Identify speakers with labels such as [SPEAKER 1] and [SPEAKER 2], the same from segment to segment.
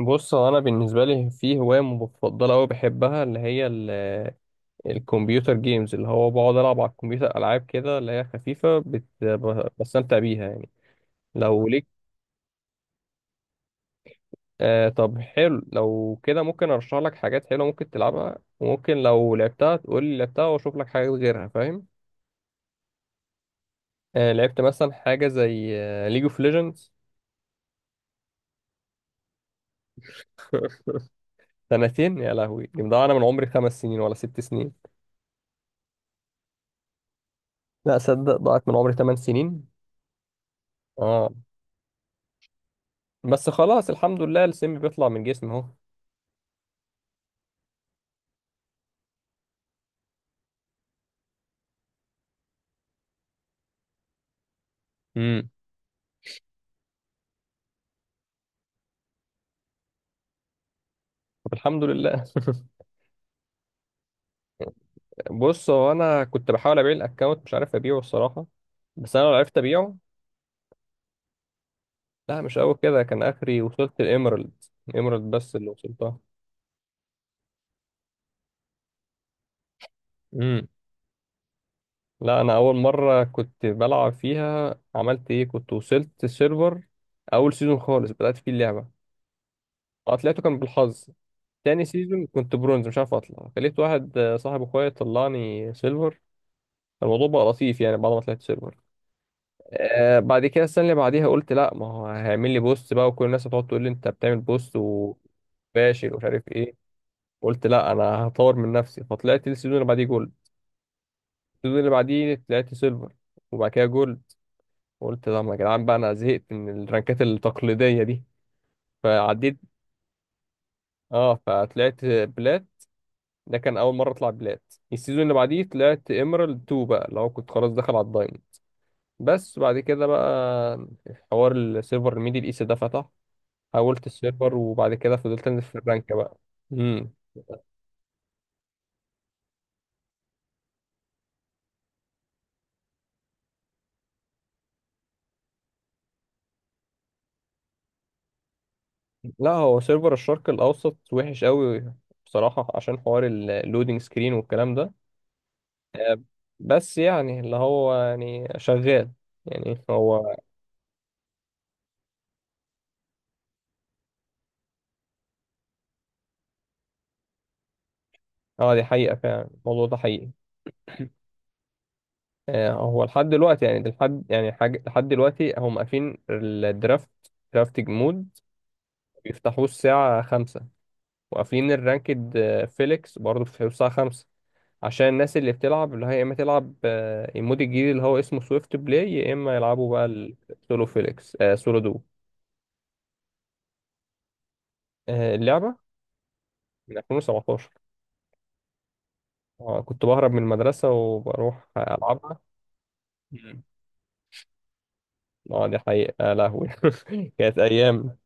[SPEAKER 1] بص، هو انا بالنسبه لي في هوايه مفضله قوي بحبها اللي هي الكمبيوتر جيمز. اللي هو بقعد العب على الكمبيوتر العاب كده اللي هي خفيفه، بستمتع بيها يعني. لو ليك... آه طب حلو، لو كده ممكن ارشح لك حاجات حلوه ممكن تلعبها، وممكن لو لعبتها تقول لي لعبتها واشوف لك حاجات غيرها. فاهم؟ آه، لعبت مثلا حاجه زي ليج اوف ليجندز. سنتين يا لهوي، دي مضيعة، انا من عمري 5 سنين ولا 6 سنين. لا صدق، ضاعت من عمري 8 سنين. اه. بس خلاص الحمد لله، السم بيطلع من جسمي اهو. امم طب الحمد لله. بص هو انا كنت بحاول ابيع الاكونت، مش عارف ابيعه الصراحه. بس انا لو عرفت ابيعه... لا مش قوي كده، كان اخري وصلت الاميرالد. الاميرالد بس اللي وصلتها. امم لا انا اول مره كنت بلعب فيها عملت ايه، كنت وصلت سيرفر اول سيزون خالص بدات فيه اللعبه. اه طلعته كان بالحظ. تاني سيزون كنت برونز مش عارف اطلع، خليت واحد صاحب اخويا طلعني سيلفر. الموضوع بقى لطيف يعني بعد ما طلعت سيلفر. آه بعد كده السنة اللي بعديها قلت لا، ما هو هيعمل لي بوست بقى، وكل الناس هتقعد تقول لي انت بتعمل بوست وفاشل ومش عارف ايه. قلت لا انا هطور من نفسي، فطلعت السيزون اللي بعديه جولد. السيزون اللي بعديه طلعت سيلفر، وبعد كده جولد. قلت لا ما يا جدعان بقى انا زهقت من الرانكات التقليدية دي، فعديت. اه فطلعت بلات. ده كان اول مرة اطلع بلات. السيزون اللي بعديه طلعت ايمرالد 2 بقى، لو كنت خلاص داخل على الدايموند. بس بعد كده بقى حوار السيرفر الميدل ايست ده فتح. حولت السيرفر وبعد كده فضلت انزل في الرانك بقى. امم لا هو سيرفر الشرق الاوسط وحش قوي بصراحه، عشان حوار اللودنج سكرين والكلام ده. آه، بس يعني اللي هو يعني شغال. يعني هو... اه دي حقيقه فعلا، الموضوع ده حقيقي. هو لحد دلوقتي، يعني لحد يعني حاجه لحد دلوقتي هم قافلين الدرافت درافتنج مود بيفتحوه الساعه 5، وقافلين الرانكد فيليكس برضه بيفتحوه الساعه 5. عشان الناس اللي بتلعب اللي هي يا اما تلعب المود الجديد اللي هو اسمه سويفت بلاي، يا اما يلعبوا بقى السولو فيليكس سولو دو. آه اللعبة من 2017. آه كنت بهرب من المدرسة، وبروح ألعبها. مم. اه دي حقيقة يا لهوي. كانت أيام.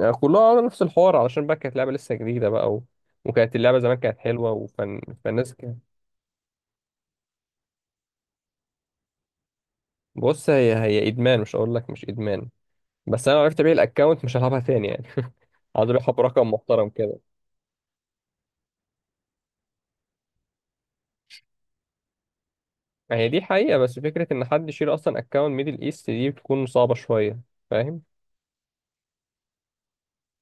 [SPEAKER 1] كلها على نفس الحوار، علشان بقى كانت لعبة لسه جديدة بقى و... وكانت اللعبة زمان كانت حلوة، وفن...، فالناس كانت... بص هي إدمان، مش هقول لك مش إدمان. بس أنا لو عرفت أبيع الأكونت مش هلعبها تاني يعني. هقعد أبيعها برقم محترم كده. ما هي دي حقيقة، بس فكرة إن حد يشيل أصلا أكونت ميدل إيست دي بتكون صعبة شوية. فاهم؟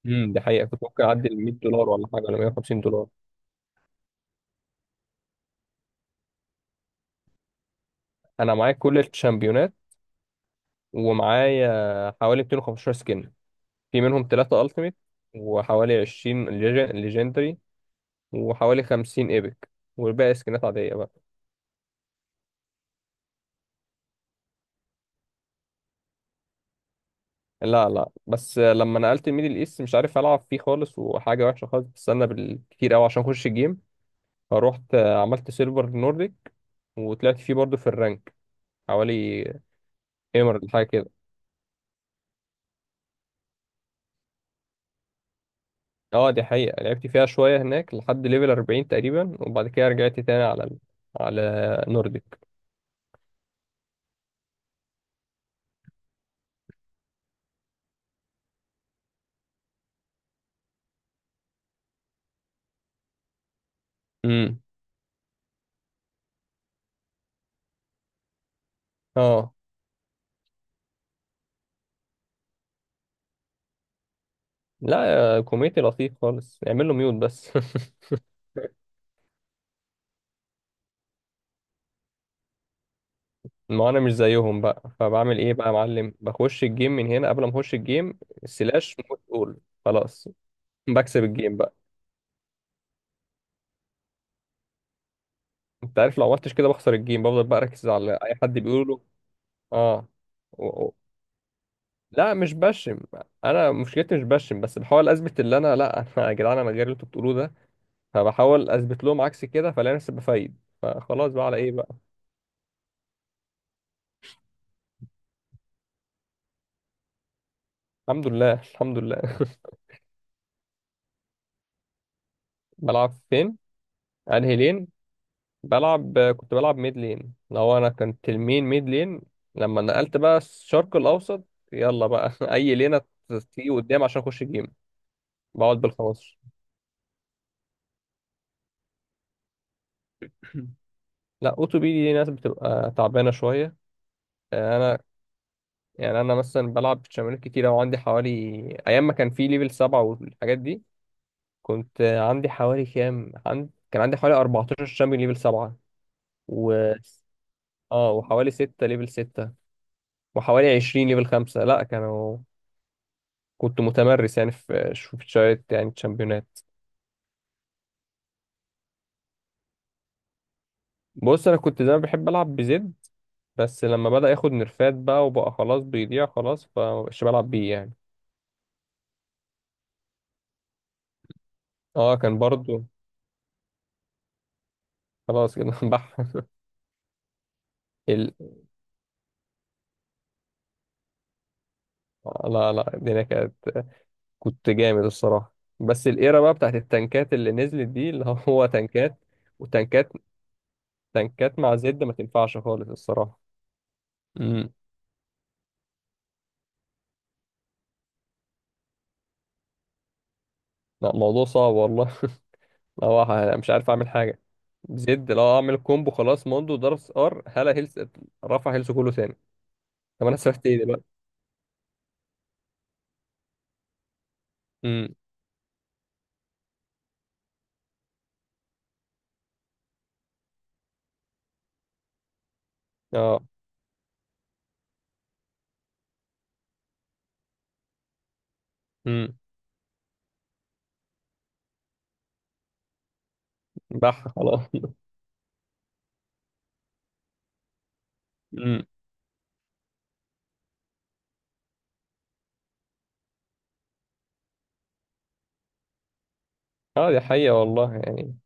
[SPEAKER 1] دي حقيقة، كنت ممكن أعدي ال 100 دولار ولا حاجة ولا 150 دولار. أنا معايا كل الشامبيونات، ومعايا حوالي 215 سكين. في منهم 3 ألتيميت، وحوالي 20 ليجندري، وحوالي 50 إيبك، والباقي سكنات عادية بقى. لا لا، بس لما نقلت الميدل إيست مش عارف ألعب فيه خالص، وحاجة وحشة خالص، بستنى بالكتير أوي عشان أخش الجيم. فروحت عملت سيلفر نورديك، وطلعت فيه برضه في الرانك حوالي... ايمرالد حاجة كده. اه دي حقيقة، لعبت فيها شوية هناك لحد ليفل 40 تقريبا، وبعد كده رجعت تاني على ال... على نورديك. امم اه. لا كوميتي لطيف خالص، اعمل له ميوت بس. ما انا مش زيهم بقى، فبعمل ايه بقى يا معلم؟ بخش الجيم من هنا قبل ما اخش الجيم سلاش موت اول. خلاص، بكسب الجيم بقى. انت عارف لو عملتش كده بخسر الجيم، بفضل بقى اركز على اي حد بيقوله. اه لا مش بشم. انا مشكلتي مش بشم، بس بحاول اثبت اللي انا... لا، انا يا جدعان انا غير اللي انتوا بتقولوه ده. فبحاول اثبت لهم عكس كده، فلاقي نفسي بفايد، فخلاص بقى على ايه بقى. الحمد لله الحمد لله. بلعب فين؟ انهي لين؟ بلعب... كنت بلعب ميد لين، لو انا كنت المين ميد لين. لما نقلت بقى الشرق الاوسط يلا بقى. اي لينة تيجي قدام عشان اخش جيم. بقعد بال 15. لا اوتو بي دي ناس بتبقى تعبانه شويه. انا... يعني انا مثلا بلعب شمالات كتير، او عندي حوالي... ايام ما كان في ليفل 7 والحاجات دي كنت عندي حوالي كام كان عندي حوالي 14 شامبيون ليفل 7، و... اه وحوالي 6 ليفل 6، وحوالي 20 ليفل 5 لا كانوا... كنت متمرس يعني في شوية يعني شامبيونات. بص انا كنت دايما بحب العب بزد، بس لما بدأ ياخد نرفات بقى وبقى خلاص بيضيع خلاص، فمبقاش بلعب بيه يعني. اه كان برضو خلاص كده. بح. ال... لا لا الدنيا كانت... كنت جامد الصراحة. بس الايرا بقى بتاعت التنكات اللي نزلت دي اللي... هو تنكات وتنكات. تنكات مع زد ما تنفعش خالص الصراحة. امم لا، موضوع صعب والله. لو مش عارف اعمل حاجة. زد لو اعمل كومبو خلاص موندو ضرب ار هلا هيلث، رفع هيلث كله تاني. طب انا سافت ايه دلوقتي؟ امم اه. امم بح خلاص. امم اه دي حقيقة والله يعني.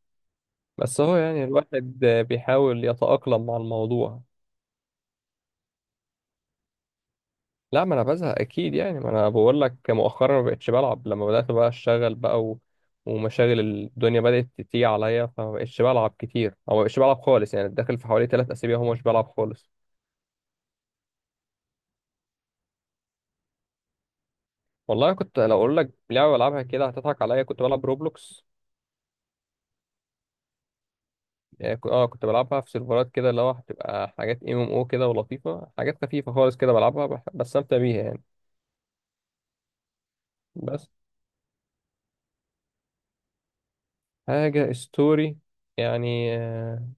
[SPEAKER 1] بس هو يعني الواحد بيحاول يتأقلم مع الموضوع. لا ما انا بزهق اكيد يعني. ما انا بقول لك مؤخرا ما بقتش بلعب لما بدات بقى اشتغل بقى و... ومشاغل الدنيا بدات تيجي عليا، فما بقتش بلعب كتير، او ما بقتش بلعب خالص يعني. داخل في حوالي 3 اسابيع هو مش بلعب خالص. والله، كنت لو اقول لك لعبه بلعبها كده هتضحك عليا، كنت بلعب روبلوكس. يعني اه كنت بلعبها في سيرفرات كده اللي هو هتبقى حاجات ام ام او كده ولطيفه، حاجات خفيفه خالص كده بلعبها بستمتع بيها يعني. بس حاجه ستوري، يعني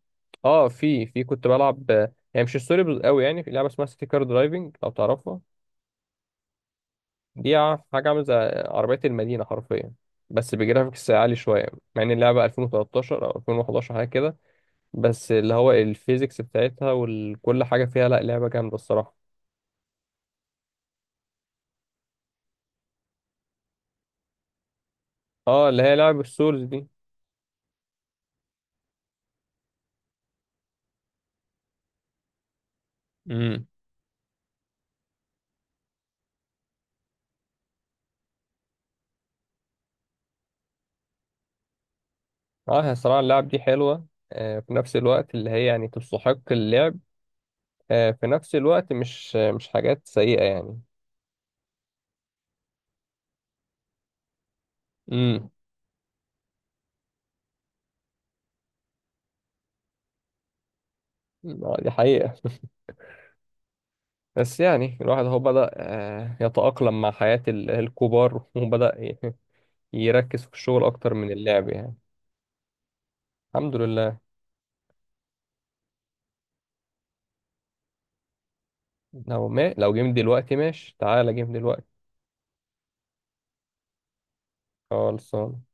[SPEAKER 1] اه في كنت بلعب، يعني مش ستوري قوي، يعني في لعبه اسمها سيتي كار درايفنج لو تعرفها. دي حاجه عامله زي عربيه المدينه حرفيا، بس بجرافيكس عالي شويه. مع ان اللعبه 2013 او 2011 حاجه كده، بس اللي هو الفيزيكس بتاعتها وكل حاجه فيها، لا لعبه جامده الصراحه. اه اللي هي لعبه السولز دي. امم اه هي الصراحه اللعب دي حلوه. في نفس الوقت اللي هي يعني تستحق اللعب. في نفس الوقت مش حاجات سيئه يعني. امم دي حقيقه. بس يعني الواحد هو بدأ يتأقلم مع حياة الكبار، وبدأ يركز في الشغل أكتر من اللعب يعني. الحمد لله. لو ما لو جيم دلوقتي ماشي، تعالى جيم دلوقتي. خلصان.